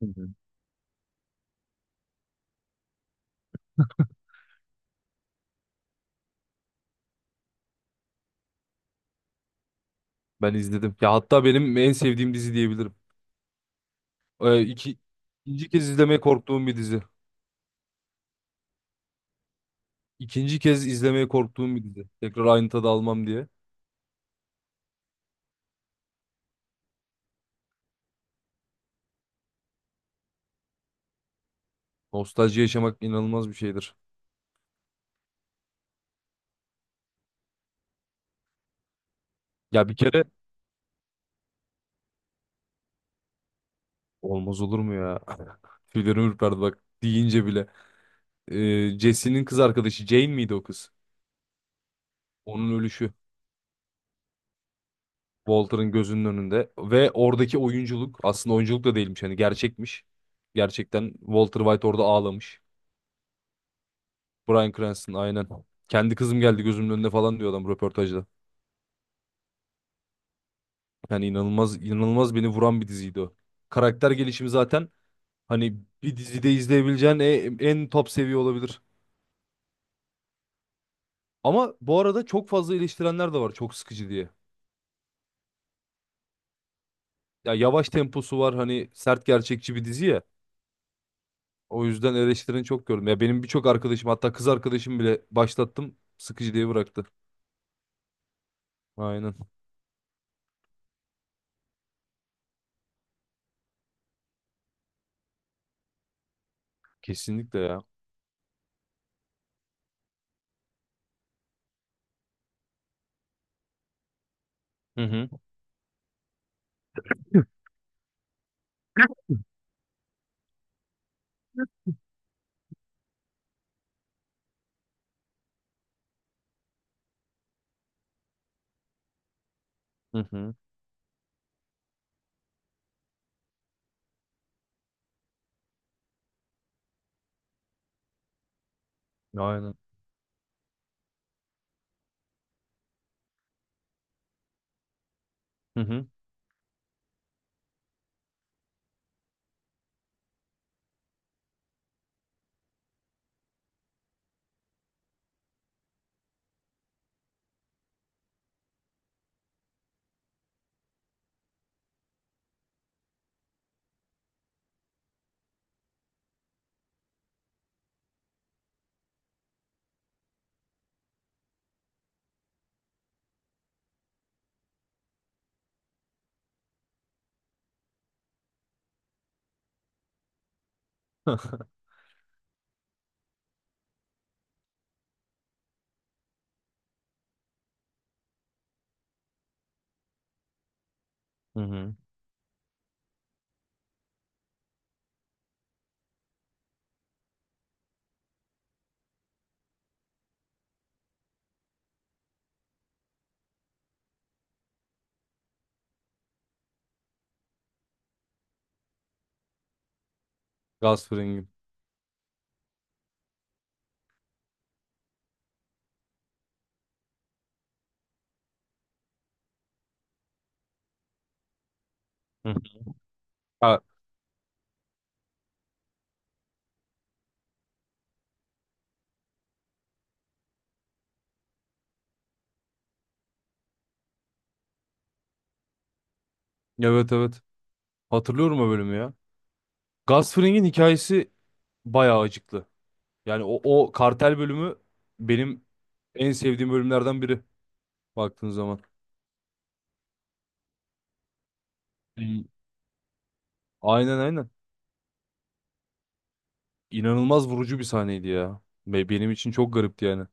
Hı hı. Ben izledim. Ya hatta benim en sevdiğim dizi diyebilirim. Ee, iki, ikinci kez izlemeye korktuğum bir dizi. İkinci kez izlemeye korktuğum bir dizi. Tekrar aynı tadı almam diye. Nostalji yaşamak inanılmaz bir şeydir. Ya bir kere olmaz olur mu ya? Tüylerim ürperdi bak deyince bile. Jesse'nin kız arkadaşı Jane miydi o kız? Onun ölüşü. Walter'ın gözünün önünde. Ve oradaki oyunculuk aslında oyunculuk da değilmiş. Hani gerçekmiş. Gerçekten Walter White orada ağlamış. Bryan Cranston aynen. Kendi kızım geldi gözümün önüne falan diyor adam röportajda. Yani inanılmaz inanılmaz beni vuran bir diziydi o. Karakter gelişimi zaten hani bir dizide izleyebileceğin en top seviye olabilir. Ama bu arada çok fazla eleştirenler de var çok sıkıcı diye. Ya yavaş temposu var hani sert gerçekçi bir dizi ya. O yüzden eleştirini çok gördüm. Ya benim birçok arkadaşım hatta kız arkadaşım bile başlattım sıkıcı diye bıraktı. Aynen. Kesinlikle ya. Hı hı. Hı hı. Aynen. Hı hı. Hı hı. Gaz frengi. Hı ha, evet evet. Hatırlıyorum o bölümü ya. Gus Fring'in hikayesi bayağı acıklı. Yani o kartel bölümü benim en sevdiğim bölümlerden biri baktığın zaman. Hmm. Aynen aynen. İnanılmaz vurucu bir sahneydi ya. Ve benim için çok garipti yani.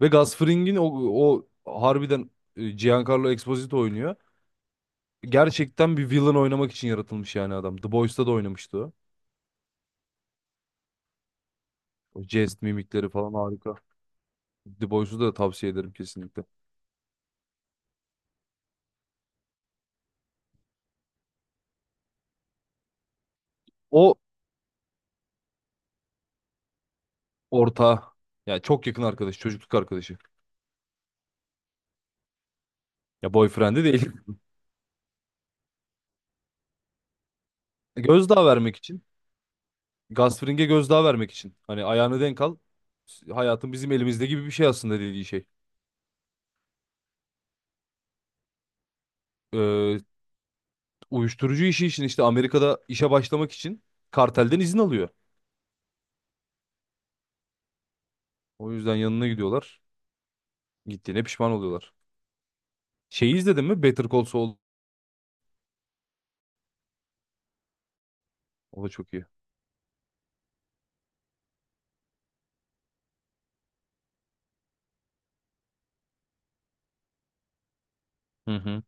Ve Gus Fring'in o harbiden Giancarlo Esposito oynuyor. Gerçekten bir villain oynamak için yaratılmış yani adam. The Boys'ta da oynamıştı o. O jest mimikleri falan harika. The Boys'u da tavsiye ederim kesinlikle. O ortağı. Yani çok yakın arkadaş, çocukluk arkadaşı. Ya boyfriend'i değil. Gözdağı vermek için. Gasfring'e gözdağı vermek için. Hani ayağını denk al. Hayatın bizim elimizde gibi bir şey aslında dediği şey. Ee, Uyuşturucu işi için işte Amerika'da işe başlamak için kartelden izin alıyor. O yüzden yanına gidiyorlar. Gittiğine pişman oluyorlar. Şeyi izledin mi? Better Call Saul. O da çok iyi. Hı hı.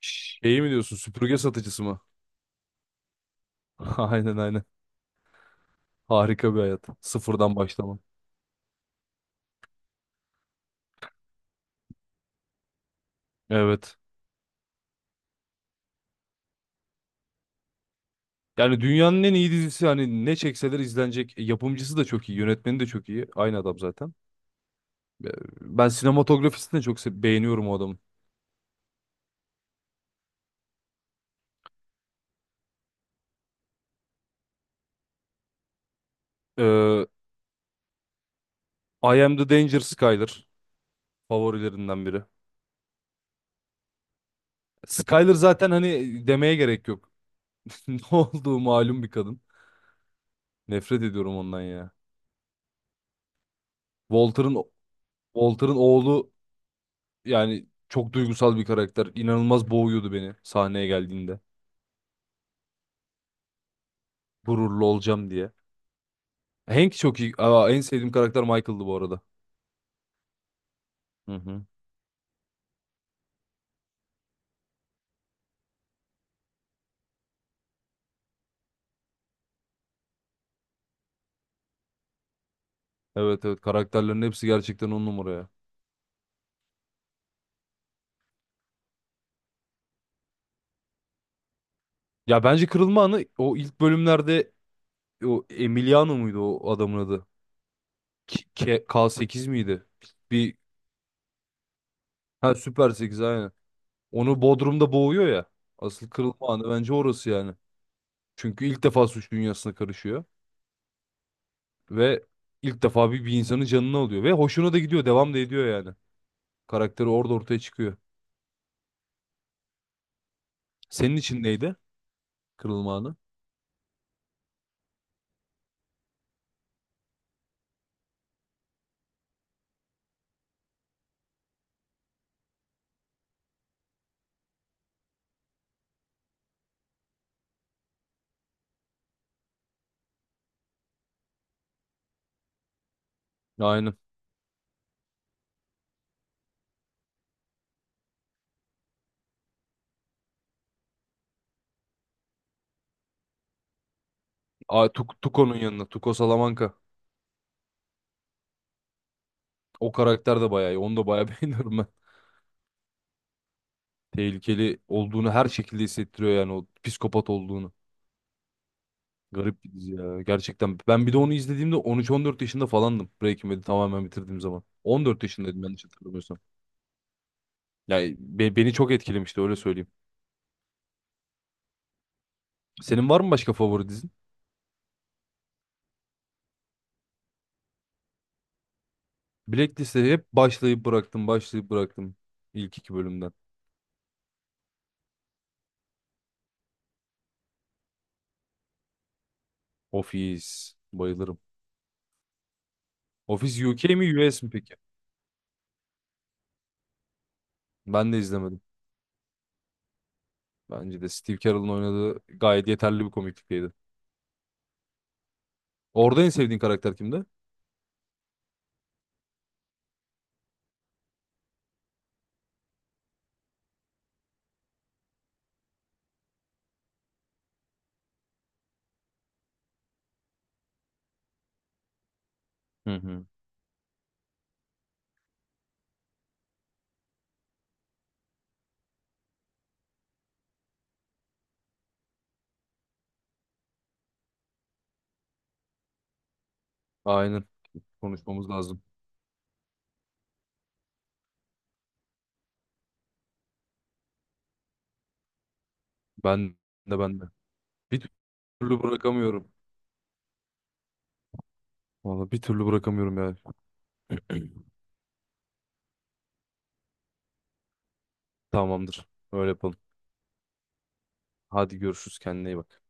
Şeyi mi diyorsun? Süpürge satıcısı mı? Aynen aynen. Harika bir hayat. Sıfırdan başlama. Evet. Yani dünyanın en iyi dizisi hani ne çekseler izlenecek. E, yapımcısı da çok iyi, yönetmeni de çok iyi. Aynı adam zaten. E, Ben sinematografisini de beğeniyorum o adamın. Ee, I Am The Danger Skyler favorilerinden biri. Skyler zaten hani demeye gerek yok. Ne olduğu malum bir kadın. Nefret ediyorum ondan ya. Walter'ın Walter'ın oğlu yani çok duygusal bir karakter. İnanılmaz boğuyordu beni sahneye geldiğinde. Gururlu olacağım diye. Hank çok iyi. Aa, en sevdiğim karakter Michael'dı bu arada. Hı hı. Evet evet karakterlerin hepsi gerçekten on numara ya. Ya bence kırılma anı o ilk bölümlerde o Emiliano muydu o adamın adı? K8 miydi? Bir ha Süper 8 aynen. Onu Bodrum'da boğuyor ya. Asıl kırılma anı bence orası yani. Çünkü ilk defa suç dünyasına karışıyor ve ilk defa bir insanın canını alıyor ve hoşuna da gidiyor, devam da ediyor yani. Karakteri orada ortaya çıkıyor. Senin için neydi kırılma anı? Aynen. Aa, Tuko'nun yanına. Tuko Salamanca. O karakter de bayağı iyi. Onu da bayağı beğeniyorum ben. Tehlikeli olduğunu her şekilde hissettiriyor yani o psikopat olduğunu. Garip bir dizi ya gerçekten. Ben bir de onu izlediğimde 14 yaşında falandım Breaking Bad'i tamamen bitirdiğim zaman. On dört yaşındaydım yanlış hatırlamıyorsam. Yani beni çok etkilemişti öyle söyleyeyim. Senin var mı başka favori dizin? Blacklist'e hep başlayıp bıraktım, başlayıp bıraktım ilk iki bölümden. Office bayılırım. Office UK mi US mi peki? Ben de izlemedim. Bence de Steve Carell'ın oynadığı gayet yeterli bir komiklikteydi. Orada en sevdiğin karakter kimdi? Hı hı. Aynen. Konuşmamız lazım. Ben ben de. Bir türlü bırakamıyorum. Vallahi bir türlü bırakamıyorum ya. Tamamdır. Öyle yapalım. Hadi görüşürüz. Kendine iyi bak.